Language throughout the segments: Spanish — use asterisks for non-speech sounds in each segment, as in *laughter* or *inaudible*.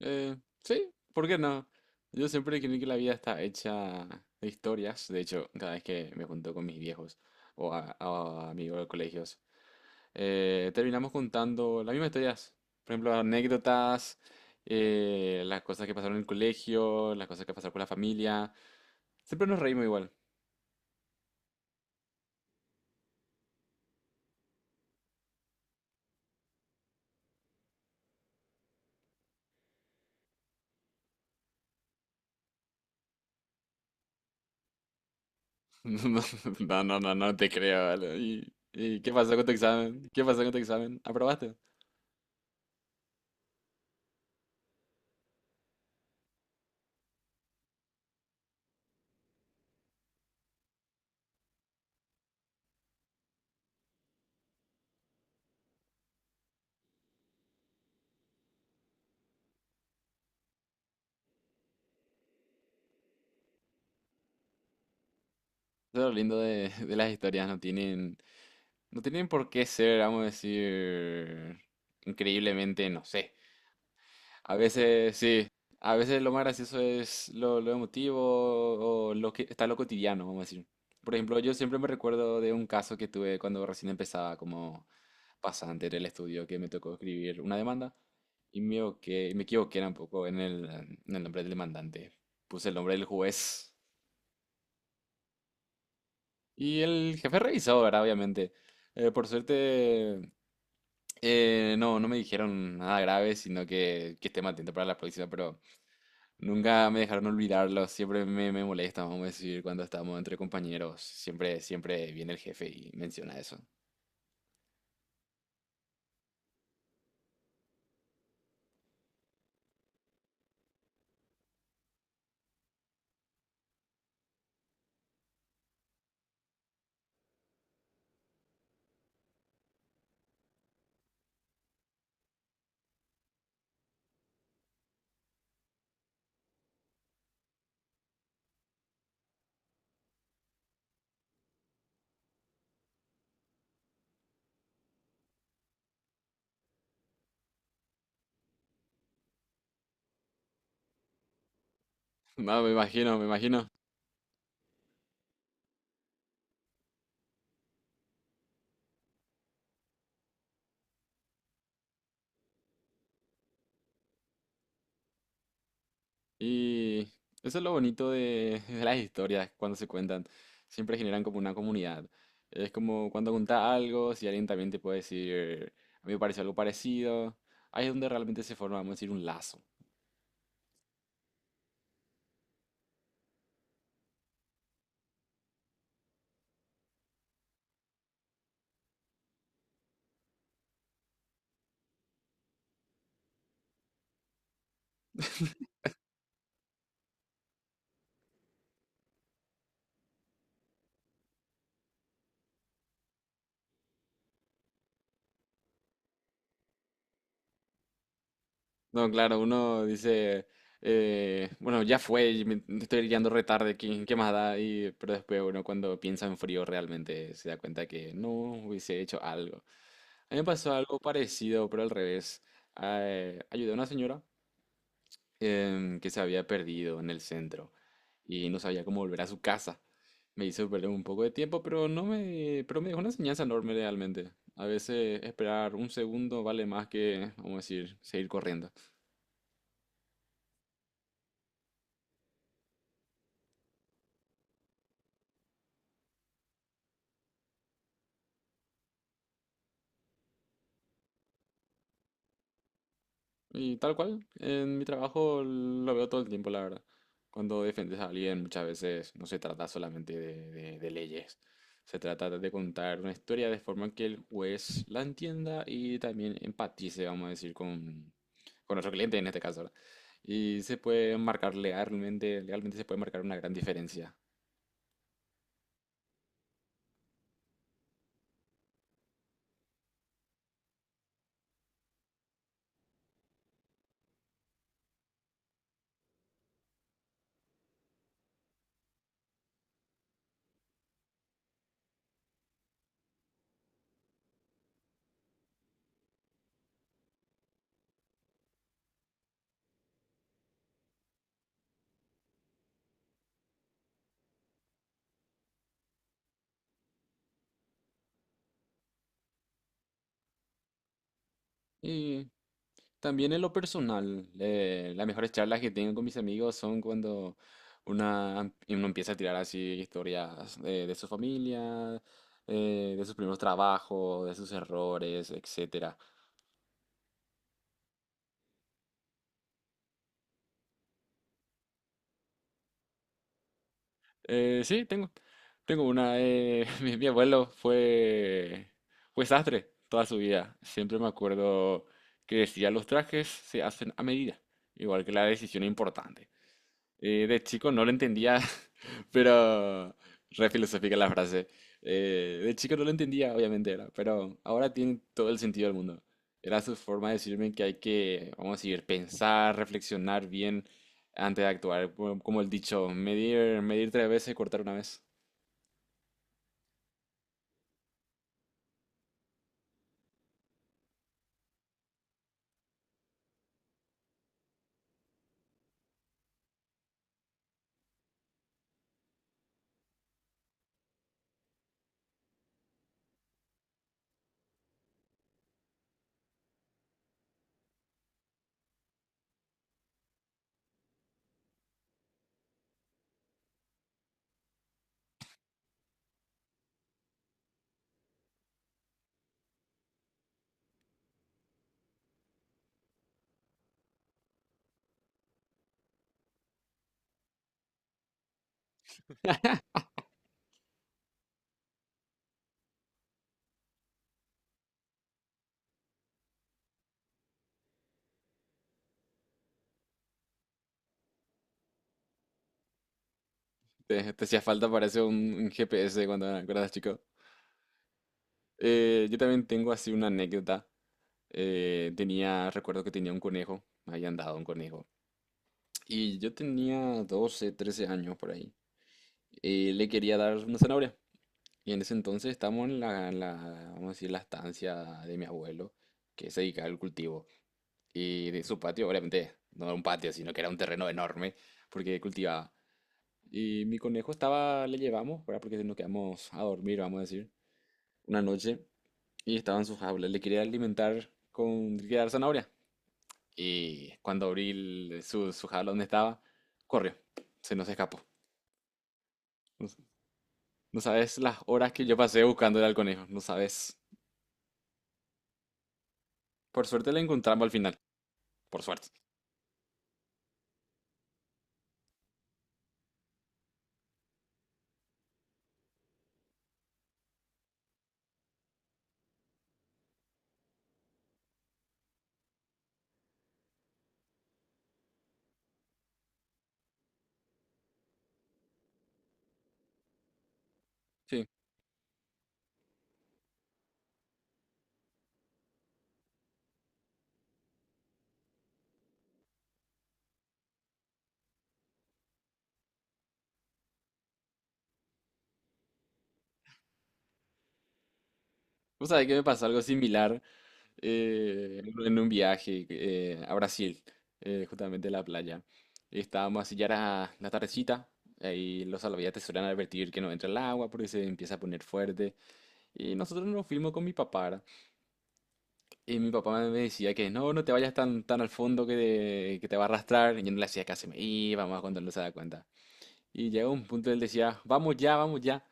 Eh, sí, ¿por qué no? Yo siempre creí que la vida está hecha de historias. De hecho, cada vez que me junto con mis viejos o a amigos de colegios, terminamos contando las mismas historias. Por ejemplo, anécdotas, las cosas que pasaron en el colegio, las cosas que pasaron con la familia. Siempre nos reímos igual. *laughs* No, no, no, no te creo. Ale. ¿Y qué pasó con tu examen? ¿Qué pasó con tu examen? ¿Aprobaste? Eso es lo lindo de las historias, no tienen. No tienen por qué ser, vamos a decir, increíblemente, no sé. A veces sí, a veces lo más gracioso es lo emotivo o lo que está lo cotidiano, vamos a decir. Por ejemplo, yo siempre me recuerdo de un caso que tuve cuando recién empezaba como pasante en el estudio, que me tocó escribir una demanda y me equivoqué un poco en en el nombre del demandante. Puse el nombre del juez y el jefe revisó, ¿verdad? Obviamente. Por suerte, no, no me dijeron nada grave, sino que esté más atento para la próxima, pero nunca me dejaron olvidarlo, siempre me, me molesta, vamos a decir, cuando estamos entre compañeros, siempre, siempre viene el jefe y menciona eso. *laughs* No, me imagino, me imagino. Y eso es lo bonito de, *laughs* de las historias cuando se cuentan, siempre generan como una comunidad. Es como cuando contás algo, si alguien también te puede decir, a mí me pareció algo parecido, ahí es donde realmente se forma, vamos a decir, un lazo. *laughs* No, claro, uno dice, bueno, ya fue, y me estoy guiando re tarde, ¿qué, qué más da? Y, pero después uno cuando piensa en frío realmente se da cuenta que no hubiese hecho algo. A mí me pasó algo parecido, pero al revés. Ayudé a una señora que se había perdido en el centro y no sabía cómo volver a su casa. Me hizo perder un poco de tiempo, pero no me, pero me dejó una enseñanza enorme realmente. A veces esperar un segundo vale más que, vamos a decir, seguir corriendo. Y tal cual, en mi trabajo lo veo todo el tiempo, la verdad. Cuando defiendes a alguien, muchas veces no se trata solamente de, de leyes, se trata de contar una historia de forma que el juez la entienda y también empatice, vamos a decir, con nuestro cliente en este caso, ¿verdad? Y se puede marcar legalmente, legalmente se puede marcar una gran diferencia. También en lo personal, las mejores charlas que tengo con mis amigos son cuando uno empieza a tirar así historias de su familia, de sus primeros trabajos, de sus errores, etcétera. Sí, tengo, tengo una. *laughs* Mi mi abuelo fue, fue sastre toda su vida. Siempre me acuerdo que decía, los trajes se hacen a medida, igual que la decisión importante. De chico no lo entendía, *laughs* pero re filosófica la frase. De chico no lo entendía, obviamente era, pero ahora tiene todo el sentido del mundo. Era su forma de decirme que hay que, vamos a decir, pensar, reflexionar bien antes de actuar. Como el dicho, medir, medir 3 veces y cortar una vez. *laughs* Te hacía falta, parece un GPS cuando eras chico. Yo también tengo así una anécdota. Tenía, recuerdo que tenía un conejo, me habían dado un conejo. Y yo tenía 12 13 años por ahí. Le quería dar una zanahoria. Y en ese entonces estamos en vamos a decir, la estancia de mi abuelo, que se dedicaba al cultivo. Y de su patio, obviamente, no era un patio, sino que era un terreno enorme, porque cultivaba. Y mi conejo estaba, le llevamos, ¿verdad? Porque nos quedamos a dormir, vamos a decir, una noche. Y estaba en su jaula. Le quería alimentar con, le quería dar zanahoria. Y cuando abrí su, su jaula donde estaba, corrió. Se nos escapó. No sabes las horas que yo pasé buscándole al conejo, no sabes. Por suerte lo encontramos al final, por suerte. Sí. Vos sabés que me pasó algo similar en un viaje a Brasil, justamente a la playa. Estábamos así ya era la tardecita, ahí los salvavidas te suelen advertir que no entra el agua porque se empieza a poner fuerte. Y nosotros nos fuimos con mi papá, ¿verdad? Y mi papá me decía que no, no te vayas tan, tan al fondo que te va a arrastrar. Y yo no le hacía caso, me iba, más cuando no se da cuenta. Y llega un punto, él decía, vamos ya, vamos ya.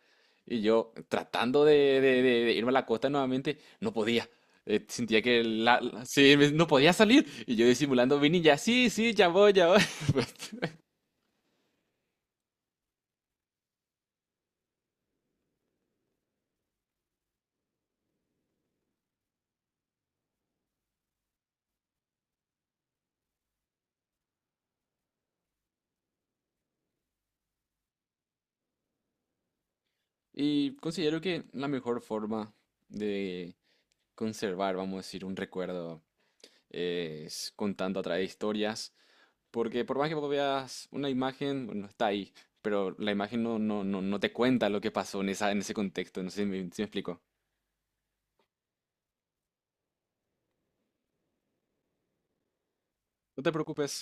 Y yo, tratando de, de irme a la costa nuevamente, no podía. Sentía que sí, no podía salir. Y yo disimulando, vine y ya, sí, sí, ya voy, ya voy. *laughs* Y considero que la mejor forma de conservar, vamos a decir, un recuerdo es contando a través de historias. Porque por más que vos veas una imagen, bueno, está ahí. Pero la imagen no, no, no, no te cuenta lo que pasó en esa, en ese contexto. No sé si me explico. No te preocupes.